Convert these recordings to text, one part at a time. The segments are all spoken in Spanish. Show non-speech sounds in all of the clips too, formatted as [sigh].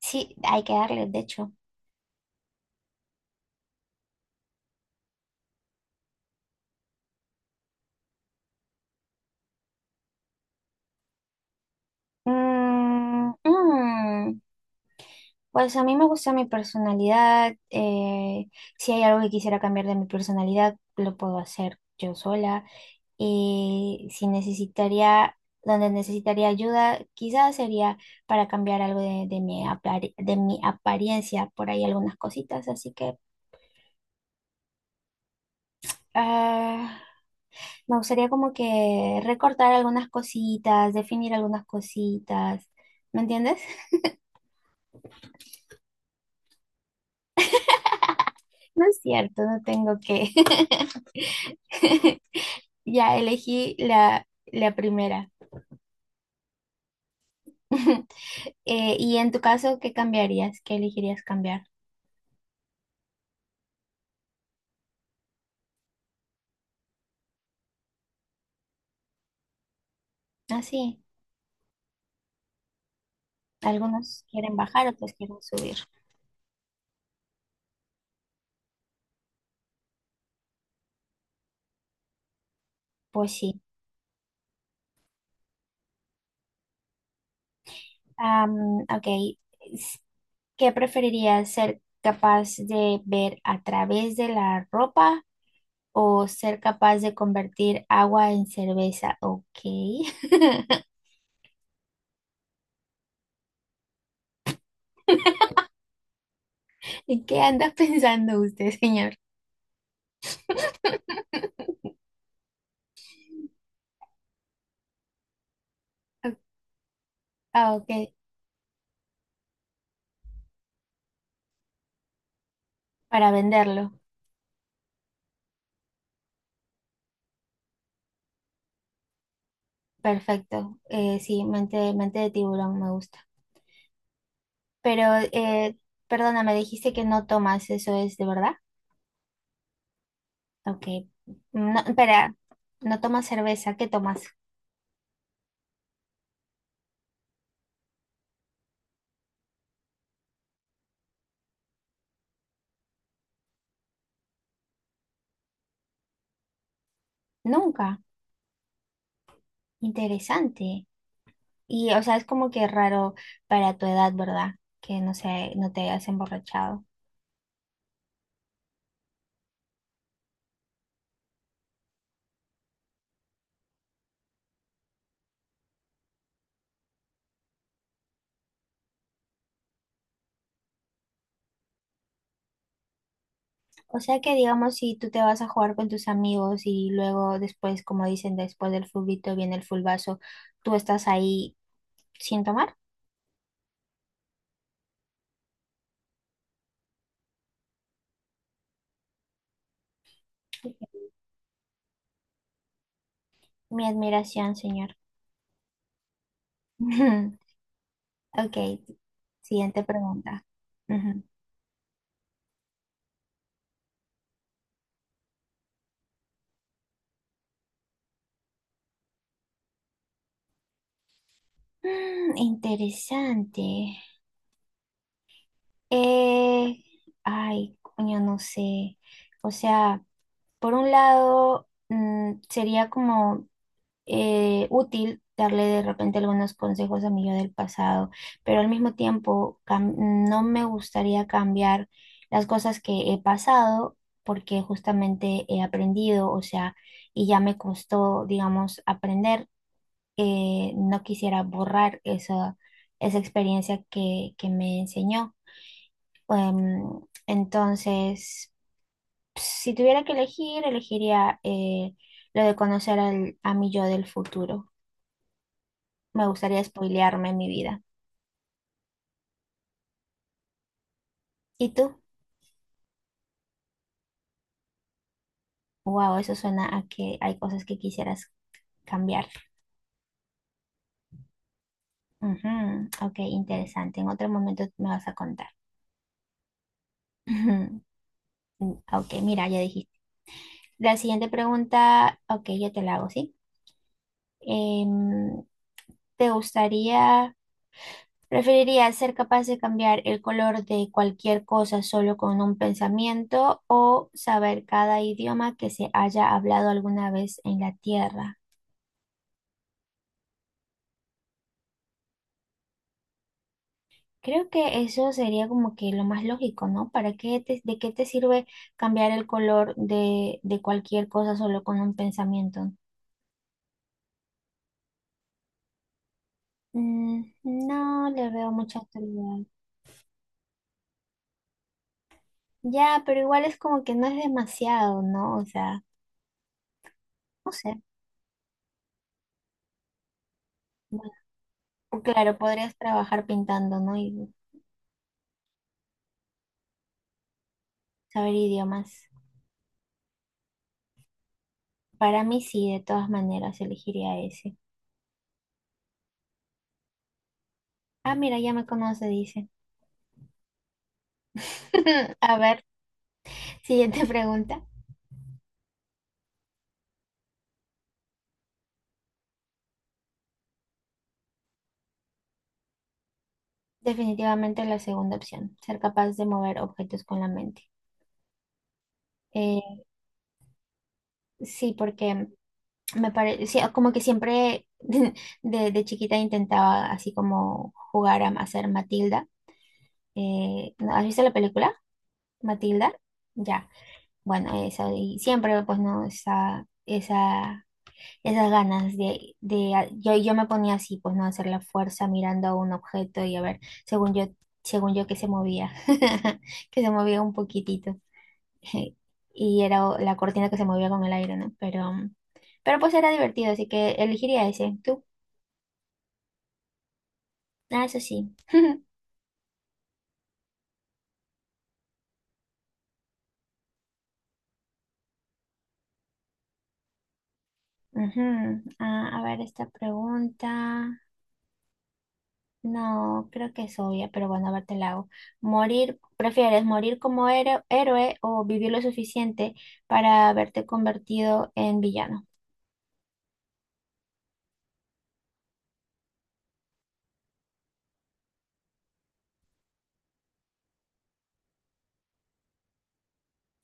Sí, hay que darle, de hecho. Mm, mm, pues a mí me gusta mi personalidad. Si hay algo que quisiera cambiar de mi personalidad, lo puedo hacer yo sola. Y si necesitaría, donde necesitaría ayuda, quizás sería para cambiar algo de mi de mi apariencia, por ahí algunas cositas. Así que ah, me gustaría como que recortar algunas cositas, definir algunas cositas. ¿Me entiendes? No es cierto, no tengo que. [laughs] Ya elegí la primera. [laughs] Y en tu caso, ¿qué cambiarías? ¿Qué elegirías cambiar? Ah, sí. Algunos quieren bajar, otros quieren subir. Pues sí. Ok. S- ¿Qué preferirías? ¿Ser capaz de ver a través de la ropa o ser capaz de convertir agua en cerveza? Ok. [laughs] ¿En qué anda [laughs] pensando usted, señor? Ah, ok. Para venderlo. Perfecto. Sí, mente de tiburón me gusta. Pero, eh, perdona, me dijiste que no tomas, ¿eso es de verdad? Ok. No, espera, no tomas cerveza, ¿qué tomas? Nunca. Interesante. Y, o sea, es como que raro para tu edad, ¿verdad? Que no sé, no te hayas emborrachado. O sea que, digamos, si tú te vas a jugar con tus amigos y luego después, como dicen, después del fulbito viene el fulbazo, tú estás ahí sin tomar. Mi admiración, señor. [laughs] Ujú. Ok, siguiente pregunta. Ujú. Mm, interesante. Eh, ay, coño, no sé. O sea, por un lado, mm, sería como útil darle de repente algunos consejos a mi yo del pasado, pero al mismo tiempo no me gustaría cambiar las cosas que he pasado porque justamente he aprendido, o sea, y ya me costó, digamos, aprender. No quisiera borrar esa experiencia que me enseñó. Em, entonces, si tuviera que elegir, elegiría lo de conocer a mi yo del futuro. Me gustaría spoilearme mi vida. ¿Y tú? Wow, eso suena a que hay cosas que quisieras cambiar. Ujú, ok, interesante. En otro momento me vas a contar. [laughs] Ujú, ok, mira, ya dijiste. La siguiente pregunta, ok, yo te la hago, ¿sí? Em, ¿Te gustaría, preferirías ser capaz de cambiar el color de cualquier cosa solo con un pensamiento o saber cada idioma que se haya hablado alguna vez en la Tierra? Creo que eso sería como que lo más lógico, ¿no? ¿Para qué de qué te sirve cambiar el color de cualquier cosa solo con un pensamiento? Mm, no le veo mucha utilidad. Ya, pero igual es como que no es demasiado, ¿no? O sea, no sé. Bueno, claro, podrías trabajar pintando, ¿no? Y saber idiomas. Para mí sí, de todas maneras elegiría ese. Ah, mira, ya me conoce, dice. [laughs] A ver, siguiente pregunta. Definitivamente la segunda opción, ser capaz de mover objetos con la mente. Eh, sí, porque me parece, como que siempre [laughs] de chiquita intentaba así como jugar a hacer Matilda. ¿No? ¿Has visto la película? Matilda. Ya, bueno, eso, y siempre pues no, esa esas ganas de yo me ponía así, pues no hacer la fuerza mirando a un objeto y a ver, según yo, según yo que se movía, [laughs] que se movía un poquitito. [laughs] Y era la cortina que se movía con el aire, ¿no? Pero pues era divertido, así que elegiría ese. ¿Tú? Ah, eso sí. [laughs] Ujú. Ah, a ver, esta pregunta. No, creo que es obvia, pero bueno, a ver, te la hago. Morir, ¿prefieres morir como héroe o vivir lo suficiente para haberte convertido en villano?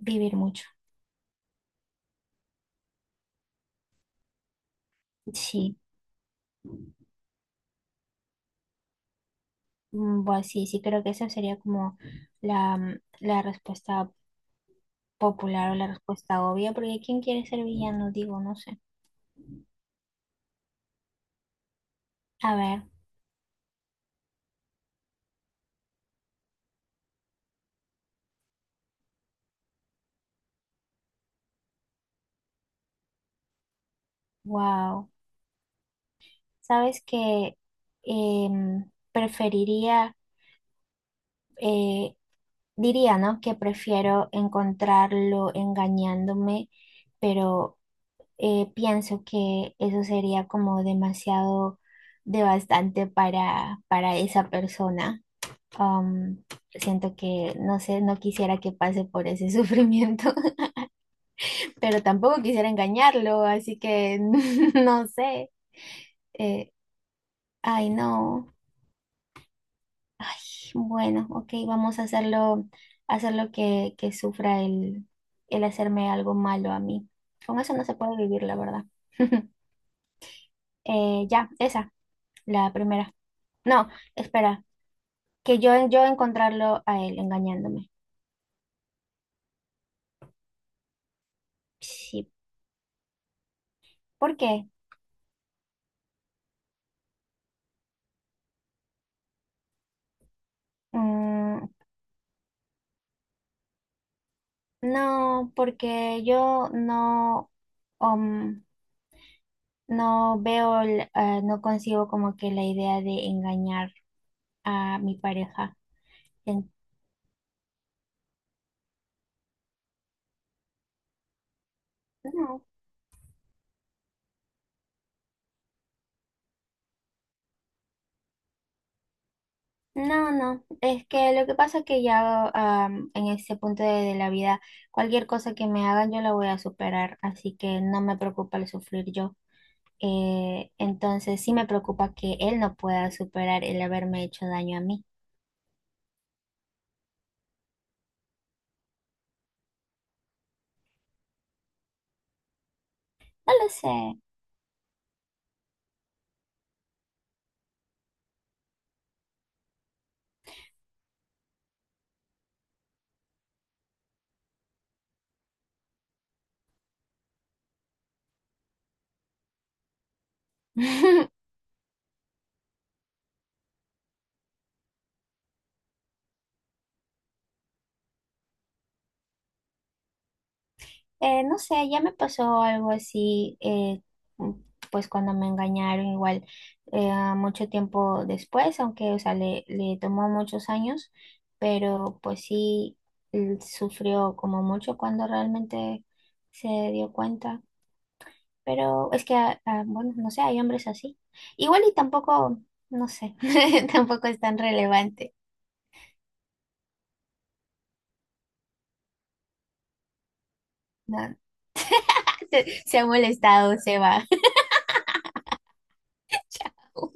Vivir mucho. Sí, mm, bueno, sí, sí, creo que esa sería como mm, la respuesta popular o la respuesta obvia, porque ¿quién quiere ser villano? Digo, no sé. A ver, wow. ¿Sabes que preferiría... eh, diría, ¿no? Que prefiero encontrarlo engañándome, pero pienso que eso sería como demasiado devastante para esa persona. Um, siento que, no sé, no quisiera que pase por ese [laughs] sufrimiento, pero tampoco quisiera engañarlo, así que [laughs] no sé. Eh, ay, no. Ay, bueno, ok, vamos a hacerlo que sufra el hacerme algo malo a mí. Con eso no se puede vivir, la verdad. [laughs] Ya, la primera. No, espera, que yo encontrarlo a él engañándome. Sí, ¿por qué? Mm, no, porque yo no, um, no veo, no consigo como que la idea de engañar a mi pareja. En- No. No, no, es que lo que pasa es que ya en ese punto de la vida, cualquier cosa que me hagan yo la voy a superar, así que no me preocupa el sufrir yo. Entonces sí me preocupa que él no pueda superar el haberme hecho daño a mí. No lo sé. [laughs] No sé, ya me pasó algo así, mm, pues cuando me engañaron igual mucho tiempo después, aunque, o sea, le tomó muchos años, pero pues sí mm, sufrió como mucho cuando realmente se dio cuenta. Pero es que, ah, ah, bueno, no sé, hay hombres así. Igual y tampoco, no sé, [laughs] tampoco es tan relevante. No, [laughs] se ha molestado, se va. [laughs] Chao.